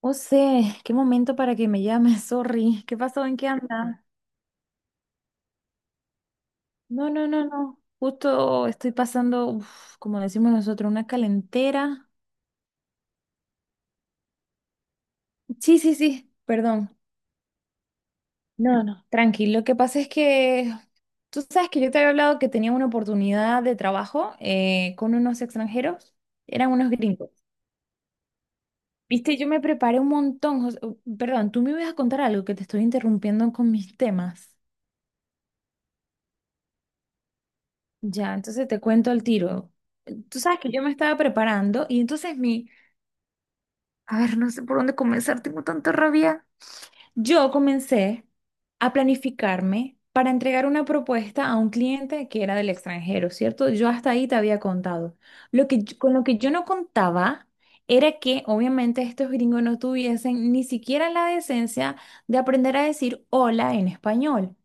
O sea, qué momento para que me llames, sorry. ¿Qué pasó? ¿En qué anda? No, no, no, no. Justo estoy pasando, uf, como decimos nosotros, una calentera. Sí, sí, sí, perdón. No, no, tranquilo. Lo que pasa es que tú sabes que yo te había hablado que tenía una oportunidad de trabajo con unos extranjeros. Eran unos gringos. Viste, yo me preparé un montón. Perdón, tú me ibas a contar algo que te estoy interrumpiendo con mis temas. Ya, entonces te cuento al tiro. Tú sabes que yo me estaba preparando y entonces a ver, no sé por dónde comenzar, tengo tanta rabia. Yo comencé a planificarme para entregar una propuesta a un cliente que era del extranjero, ¿cierto? Yo hasta ahí te había contado. Con lo que yo no contaba era que obviamente estos gringos no tuviesen ni siquiera la decencia de aprender a decir hola en español.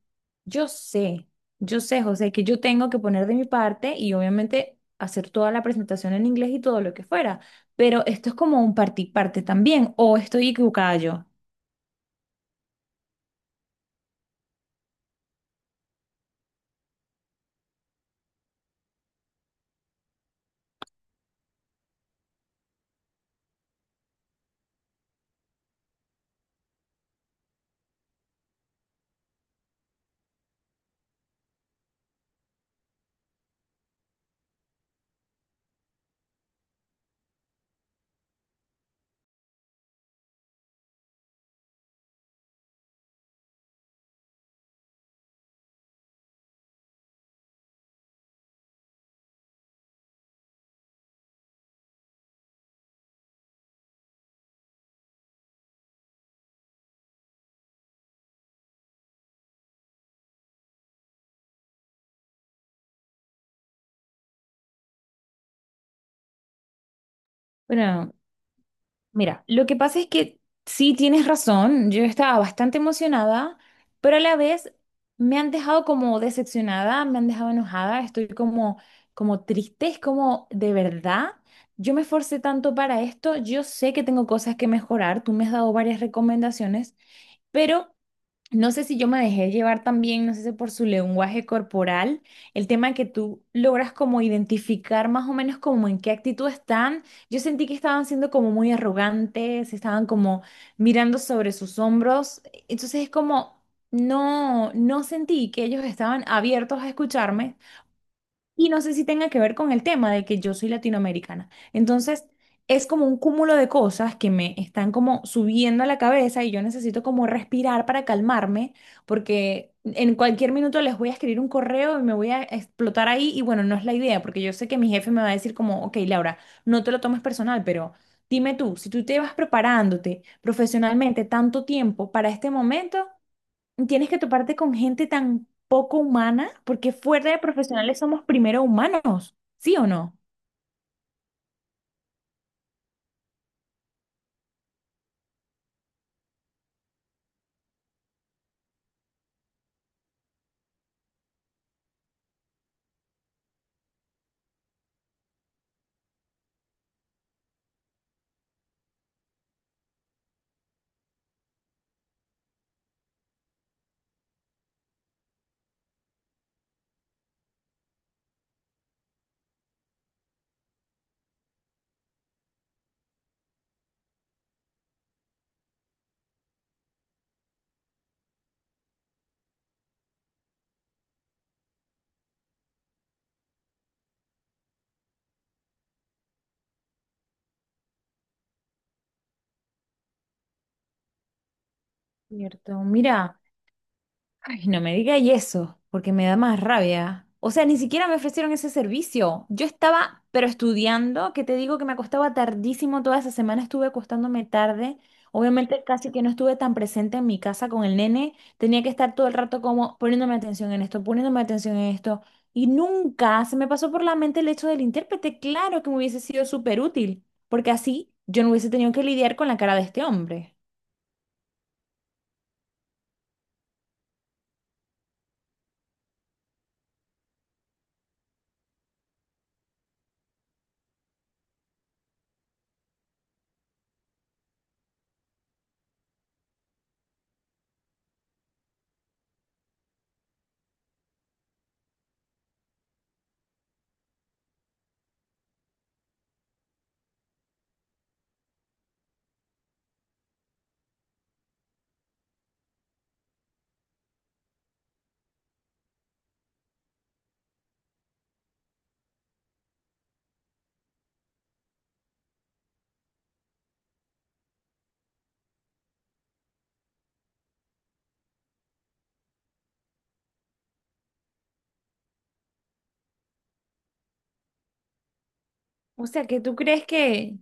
Yo sé, yo sé, José, que yo tengo que poner de mi parte y obviamente hacer toda la presentación en inglés y todo lo que fuera, pero esto es como un parte y parte también, o estoy equivocada yo. Bueno, mira, lo que pasa es que sí tienes razón, yo estaba bastante emocionada, pero a la vez me han dejado como decepcionada, me han dejado enojada, estoy como, como triste, es como de verdad, yo me esforcé tanto para esto, yo sé que tengo cosas que mejorar, tú me has dado varias recomendaciones, pero no sé si yo me dejé llevar también, no sé si por su lenguaje corporal, el tema de que tú logras como identificar más o menos como en qué actitud están. Yo sentí que estaban siendo como muy arrogantes, estaban como mirando sobre sus hombros. Entonces es como, no, no sentí que ellos estaban abiertos a escucharme, y no sé si tenga que ver con el tema de que yo soy latinoamericana. Entonces, es como un cúmulo de cosas que me están como subiendo a la cabeza y yo necesito como respirar para calmarme, porque en cualquier minuto les voy a escribir un correo y me voy a explotar ahí. Y bueno, no es la idea, porque yo sé que mi jefe me va a decir como, ok, Laura, no te lo tomes personal, pero dime tú, si tú te vas preparándote profesionalmente tanto tiempo para este momento tienes que toparte con gente tan poco humana, porque fuera de profesionales somos primero humanos, ¿sí o no? Cierto, mira. Ay, no me digáis eso, porque me da más rabia. O sea, ni siquiera me ofrecieron ese servicio. Yo estaba, pero estudiando, que te digo que me acostaba tardísimo, toda esa semana estuve acostándome tarde. Obviamente casi que no estuve tan presente en mi casa con el nene. Tenía que estar todo el rato como poniéndome atención en esto, poniéndome atención en esto. Y nunca se me pasó por la mente el hecho del intérprete. Claro que me hubiese sido súper útil, porque así yo no hubiese tenido que lidiar con la cara de este hombre. O sea, que tú crees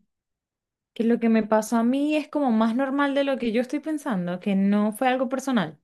que lo que me pasó a mí es como más normal de lo que yo estoy pensando, que no fue algo personal.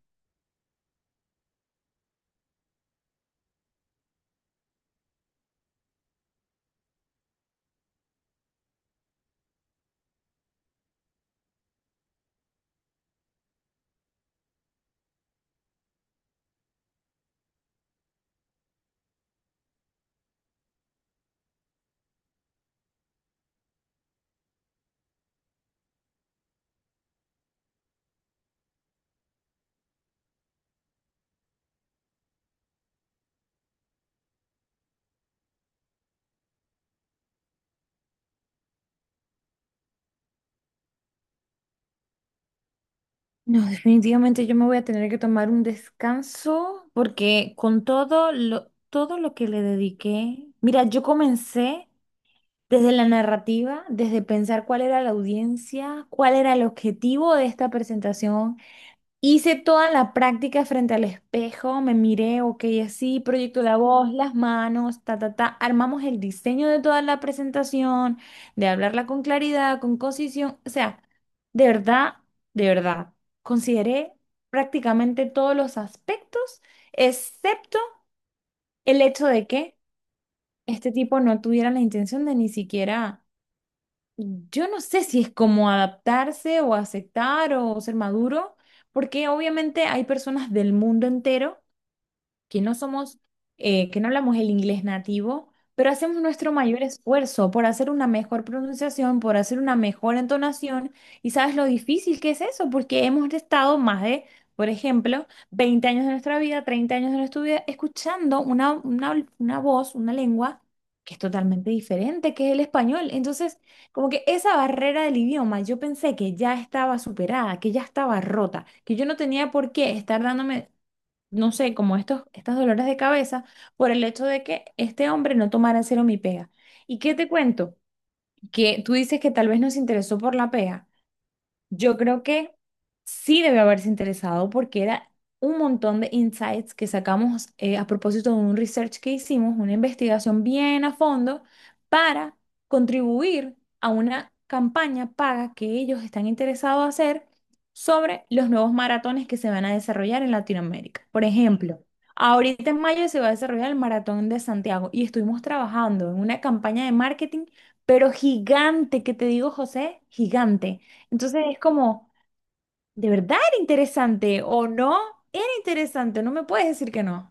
No, definitivamente yo me voy a tener que tomar un descanso porque con todo lo que le dediqué, mira, yo comencé desde la narrativa, desde pensar cuál era la audiencia, cuál era el objetivo de esta presentación. Hice toda la práctica frente al espejo, me miré, ok, así, proyecto la voz, las manos, ta, ta, ta. Armamos el diseño de toda la presentación, de hablarla con claridad, con concisión. O sea, de verdad, de verdad, consideré prácticamente todos los aspectos, excepto el hecho de que este tipo no tuviera la intención de ni siquiera, yo no sé si es como adaptarse o aceptar o ser maduro, porque obviamente hay personas del mundo entero que no somos, que no hablamos el inglés nativo, pero hacemos nuestro mayor esfuerzo por hacer una mejor pronunciación, por hacer una mejor entonación. Y sabes lo difícil que es eso, porque hemos estado más de, por ejemplo, 20 años de nuestra vida, 30 años de nuestra vida, escuchando una voz, una lengua que es totalmente diferente, que es el español. Entonces, como que esa barrera del idioma, yo pensé que ya estaba superada, que ya estaba rota, que yo no tenía por qué estar dándome no sé, como estas dolores de cabeza por el hecho de que este hombre no tomara en serio mi pega. ¿Y qué te cuento? Que tú dices que tal vez no se interesó por la pega. Yo creo que sí debe haberse interesado porque era un montón de insights que sacamos a propósito de un research que hicimos, una investigación bien a fondo para contribuir a una campaña paga que ellos están interesados a hacer sobre los nuevos maratones que se van a desarrollar en Latinoamérica. Por ejemplo, ahorita en mayo se va a desarrollar el Maratón de Santiago y estuvimos trabajando en una campaña de marketing, pero gigante, que te digo, José, gigante, entonces es como, ¿de verdad era interesante o no? Era interesante, no me puedes decir que no.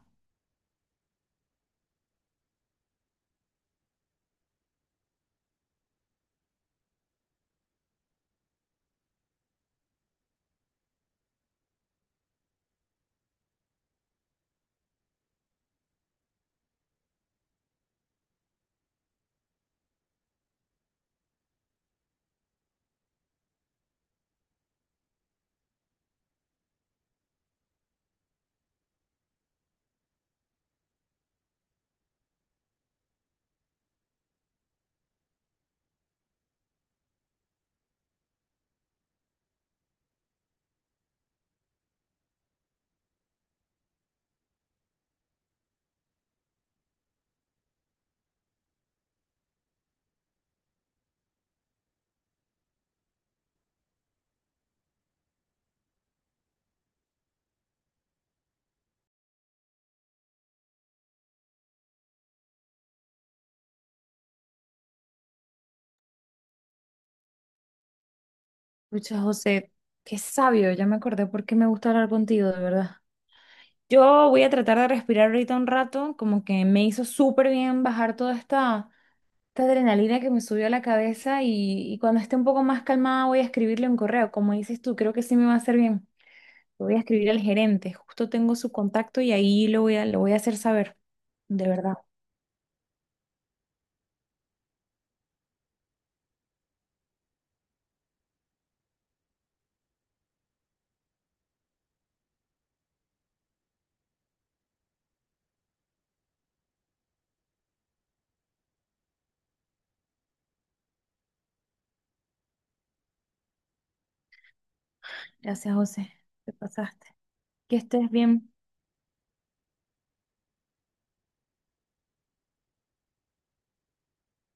Pucha, José, qué sabio, ya me acordé por qué me gusta hablar contigo, de verdad. Yo voy a tratar de respirar ahorita un rato, como que me hizo súper bien bajar toda esta, esta adrenalina que me subió a la cabeza y cuando esté un poco más calmada voy a escribirle un correo, como dices tú, creo que sí me va a hacer bien. Lo voy a escribir al gerente, justo tengo su contacto y ahí lo voy a hacer saber, de verdad. Gracias, José, te pasaste. Que estés bien.